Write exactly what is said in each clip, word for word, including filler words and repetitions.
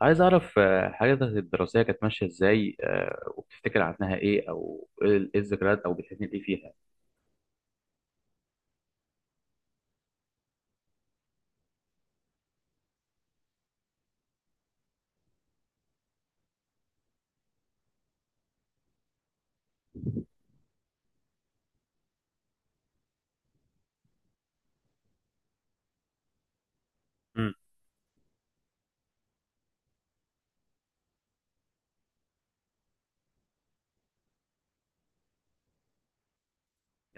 عايز أعرف آه، حياتك الدراسية كانت ماشية إزاي آه، وبتفتكر عنها إيه؟ أو إيه ال- إيه الذكريات أو بتحن إيه فيها؟ مم.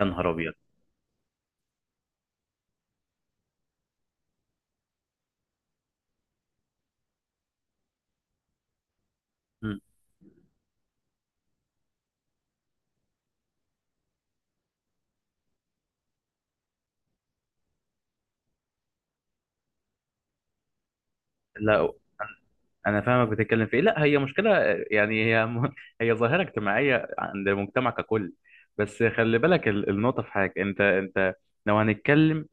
يا نهار أبيض. مم. لا أنا، أنا فاهمك بتتكلم في إيه. لا هي مشكلة آه، يعني هي م- هي ظاهرة اجتماعية عند المجتمع ككل. بس خلي بالك ال- النقطة في حاجة، أنت أنت لو هنتكلم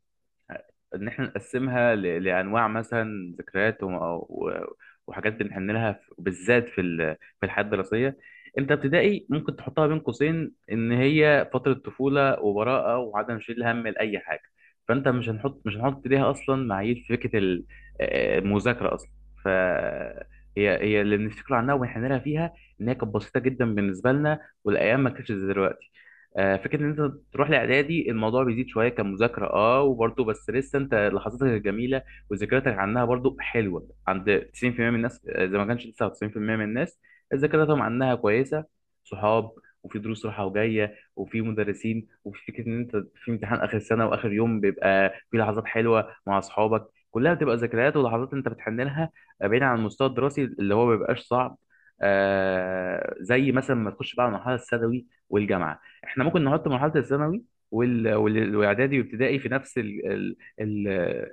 ان احنا نقسمها ل- لانواع، مثلا ذكريات وم- و- وحاجات بنحن لها في- بالذات في ال- في الحياه الدراسيه. انت ابتدائي ممكن تحطها بين قوسين ان هي فتره طفوله وبراءه وعدم شيل هم لاي حاجه، فانت مش هنحط مش هنحط ليها اصلا معايير في فكره ال- آه، المذاكره اصلا. ف هي هي اللي بنفتكر عنها ونحن لها فيها، ان هي كانت بسيطه جدا بالنسبه لنا والايام ما كانتش زي دلوقتي. آه، فكره ان انت تروح لاعدادي الموضوع بيزيد شويه كمذاكره، اه وبرضه بس لسه انت لحظاتك الجميله وذكرياتك عنها برضه حلوه عند تسعين في المية من الناس، آه، اذا ما كانش تسعة وتسعين في المية من الناس ذاكرتهم عنها كويسه. صحاب، وفي دروس رايحه وجايه، وفي مدرسين، وفي فكره ان انت في امتحان اخر السنه واخر يوم بيبقى في لحظات حلوه مع اصحابك، كلها بتبقى ذكريات ولحظات انت بتحن لها. آه، بعيد عن المستوى الدراسي اللي هو ما بيبقاش صعب، آه زي مثلا ما تخش بقى على المرحله الثانوي والجامعه. احنا ممكن نحط مرحله الثانوي وال- وال- والاعدادي وابتدائي في نفس ال... ال... ال...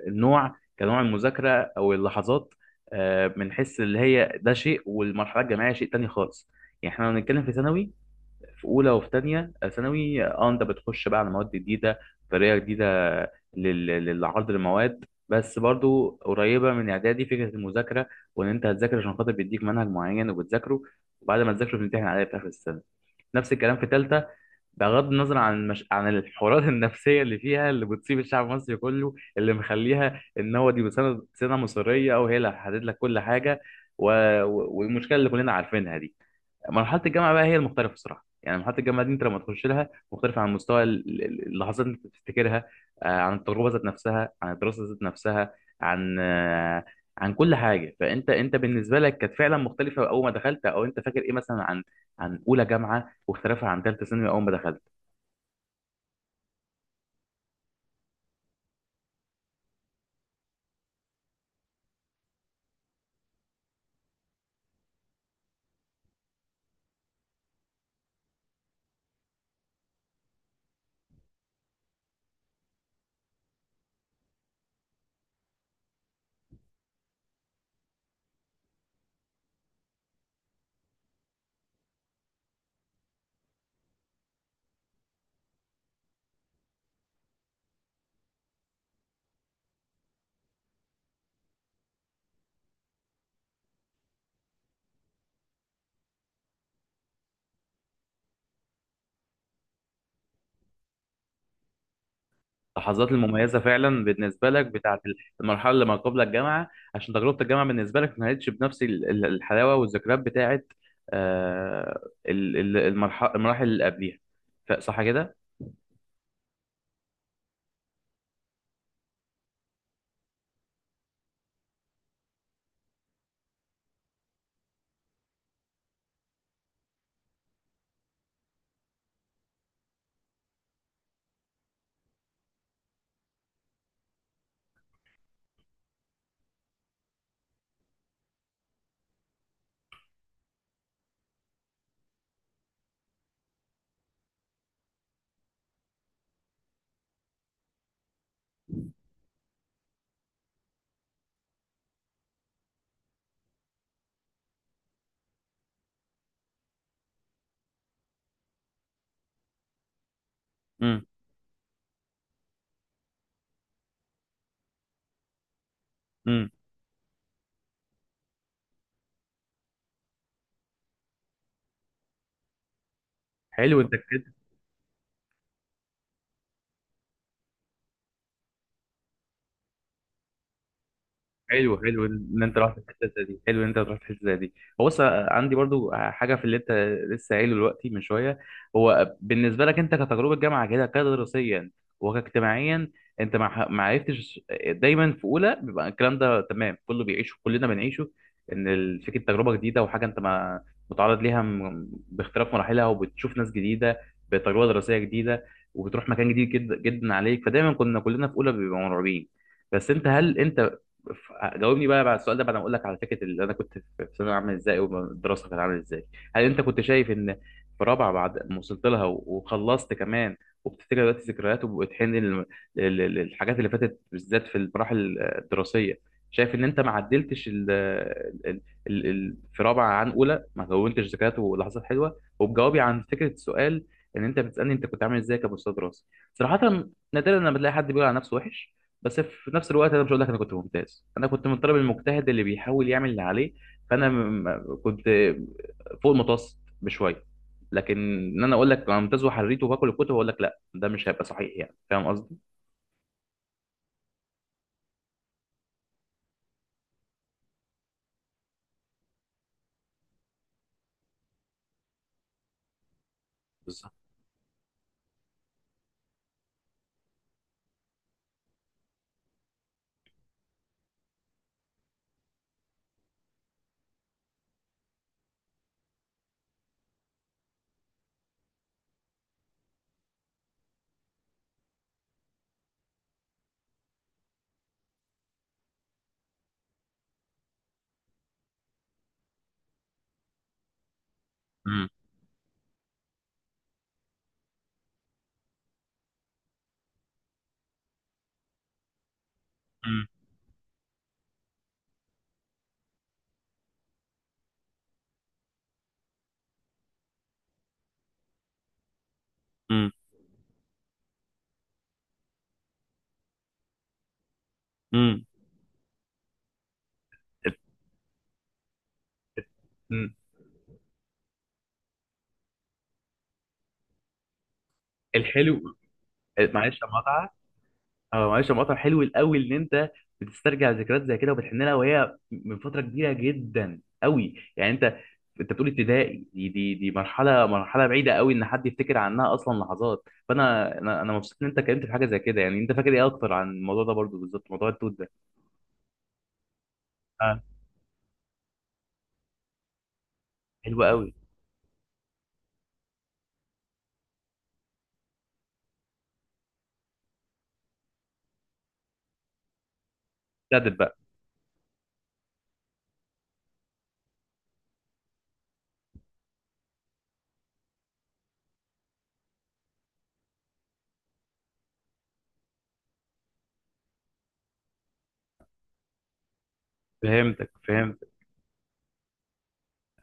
النوع، كنوع المذاكره او اللحظات. آه، بنحس اللي هي ده شيء والمرحله الجامعيه شيء تاني خالص. يعني احنا لو بنتكلم في ثانوي، في اولى وفي ثانيه ثانوي، اه آه، انت بتخش بقى على مواد جديده، طريقه جديده لل... للعرض المواد، بس برضو قريبه من اعدادي فكره المذاكره، وان انت هتذاكر عشان خاطر بيديك منهج معين وبتذاكره، وبعد ما تذاكره بتمتحن عليه في اخر السنه. نفس الكلام في ثالثه، بغض النظر عن مش... عن الحوارات النفسيه اللي فيها، اللي بتصيب الشعب المصري كله، اللي مخليها ان هو دي سنه سنه مصيريه وهي اللي هتحدد لك كل حاجه، و... و- والمشكله اللي كلنا عارفينها دي. مرحله الجامعه بقى هي المختلفه الصراحه، يعني مرحله الجامعه دي انت لما تخش لها مختلفه عن مستوى ال- ال- اللحظات اللي انت بتفتكرها، آه، عن التجربه ذات نفسها، عن الدراسه ذات نفسها، عن آه، عن كل حاجه. فانت انت بالنسبه لك كانت فعلا مختلفه اول ما دخلت. او انت فاكر ايه مثلا عن عن اولى جامعه واختلافها عن ثالثه ثانوي اول ما دخلت؟ اللحظات المميزه فعلا بالنسبه لك بتاعت المرحله اللي ما قبل الجامعه، عشان تجربه الجامعه بالنسبه لك ما كانتش بنفس ال- ال- الحلاوه والذكريات بتاعت آه، ال- ال- المرح- المراحل اللي قبليها. ف- صح كده؟ امم. امم. حلو انت. حلو، حلو ان انت رحت في الحته زي دي، حلو ان انت رحت في الحته زي دي. هو بص عندي برضو حاجه في اللي انت لسه قايله دلوقتي من شويه. هو بالنسبه لك انت كتجربه جامعه كده كدراسيا وكاجتماعيا، انت ما ح- ما عرفتش. دايما في اولى بيبقى الكلام ده تمام، كله بيعيشه، كلنا بنعيشه، ان ال- فكره تجربه جديده وحاجه انت ما متعرض ليها، م- باختلاف مراحلها وبتشوف ناس جديده بتجربه دراسيه جديده، وبتروح مكان جديد جدا جدا عليك، فدايما كنا كلنا في اولى بيبقى مرعوبين. بس انت هل انت، ف- جاوبني بقى بعد السؤال ده، بعد ما اقول لك على فكره اللي انا كنت في في ثانوي عامل ازاي والدراسه كانت عامله ازاي، هل انت كنت شايف ان في رابعه بعد ما وصلت لها و- وخلصت كمان، وبتفتكر دلوقتي ذكريات وبتحن لل- لل- لل- للحاجات اللي فاتت، بالذات في المراحل الدراسيه، شايف ان انت ما عدلتش ال ال ال ال في رابعه عن اولى ما كونتش ذكريات ولحظات حلوه؟ وبجوابي عن فكره السؤال ان انت بتسالني انت كنت عامل ازاي كمستوى دراسي، صراحه نادرا لما بتلاقي حد بيقول على نفسه وحش، بس في نفس الوقت انا مش هقول لك انا كنت ممتاز، انا كنت من الطالب المجتهد اللي بيحاول يعمل اللي عليه، فانا م- م- كنت فوق المتوسط بشويه. لكن ان انا اقول لك انا ممتاز وحريت وباكل الكتب، اقول لك لا، ده مش هيبقى صحيح، يعني فاهم قصدي. بالظبط. مم. مم. مم. مم. الحلو. معلش يا مقطع، اه معلش، مقطع حلو قوي ان انت بتسترجع ذكريات زي كده وبتحن لها، وهي من فتره كبيره جدا قوي. يعني انت، انت بتقول ابتدائي، دي دي دي مرحله، مرحله بعيده قوي ان حد يفتكر عنها اصلا لحظات، فانا انا انا مبسوط ان انت اتكلمت في حاجه زي كده. يعني انت فاكر ايه اكتر عن الموضوع ده؟ برضو بالظبط موضوع التوت ده. اه، حلو قوي. ابتدت بقى. فهمتك، فهمت.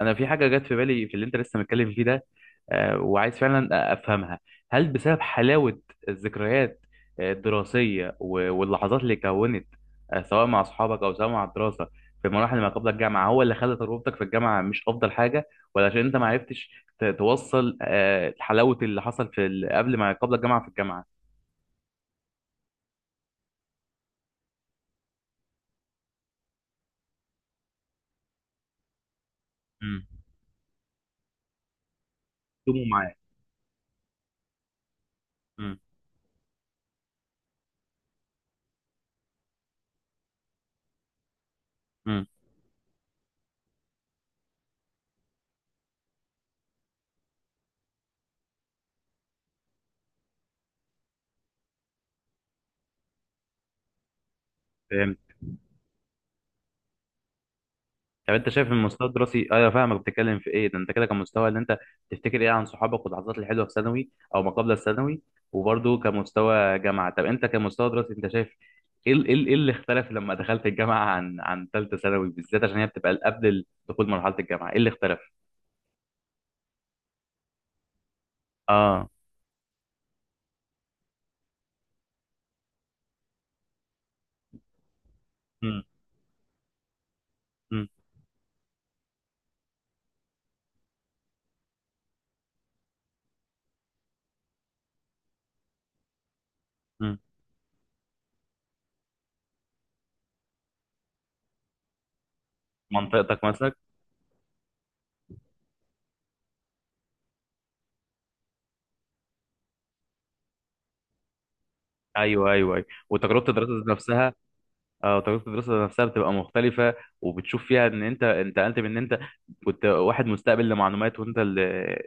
انا في حاجه جت في بالي في اللي انت لسه متكلم فيه ده، آه، وعايز فعلا افهمها. هل بسبب حلاوه الذكريات آه، الدراسيه و- واللحظات اللي كونت، آه، سواء مع اصحابك او سواء مع الدراسه في مراحل ما قبل الجامعه، هو اللي خلى تجربتك في الجامعه مش افضل حاجه؟ ولا عشان انت ما عرفتش ت- توصل آه، حلاوه اللي حصل في ال- قبل ما قبل الجامعه في الجامعه؟ امم. تموا معاك. امم. طب انت شايف من المستوى الدراسي، ايوه فاهمك بتتكلم في ايه ده، انت كده كمستوى، اللي انت تفتكر ايه عن صحابك واللحظات الحلوه في ثانوي او ما قبل الثانوي وبرده كمستوى جامعه. طب انت كمستوى دراسي انت شايف ايه ال- ايه ال- ايه اللي اختلف لما دخلت الجامعه عن عن ثالثه ثانوي، بالذات عشان هي بتبقى قبل دخول مرحله الجامعه، ايه اللي اختلف؟ اه. امم. امم. منطقتك مثلا. ايوه ايوه ايوه، وتجربه الدراسه ذات نفسها. اه، تجربة الدراسة نفسها بتبقى مختلفة، وبتشوف فيها ان انت انت انت من ان انت كنت واحد مستقبل لمعلومات، وانت ال-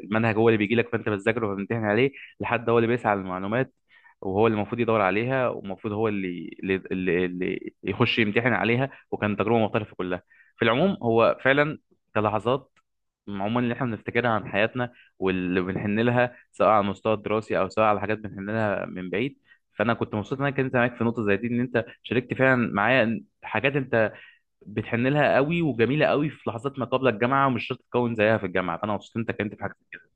المنهج هو اللي بيجي لك فانت بتذاكره وبتمتحن عليه، لحد هو اللي بيسعى للمعلومات وهو اللي المفروض يدور عليها، والمفروض هو اللي اللي, اللي اللي يخش يمتحن عليها، وكان تجربة مختلفة كلها في العموم، هو فعلا كلحظات عموما اللي احنا بنفتكرها عن حياتنا واللي بنحن لها، سواء على المستوى الدراسي او سواء على حاجات بنحن لها من بعيد. فانا كنت مبسوط ان انا كنت معاك في نقطة زي دي، ان انت شاركت فعلا معايا حاجات انت بتحن لها قوي وجميله قوي في لحظات ما قبل الجامعه، ومش شرط تكون زيها في الجامعه، فانا مبسوط انت اتكلمت في حاجه.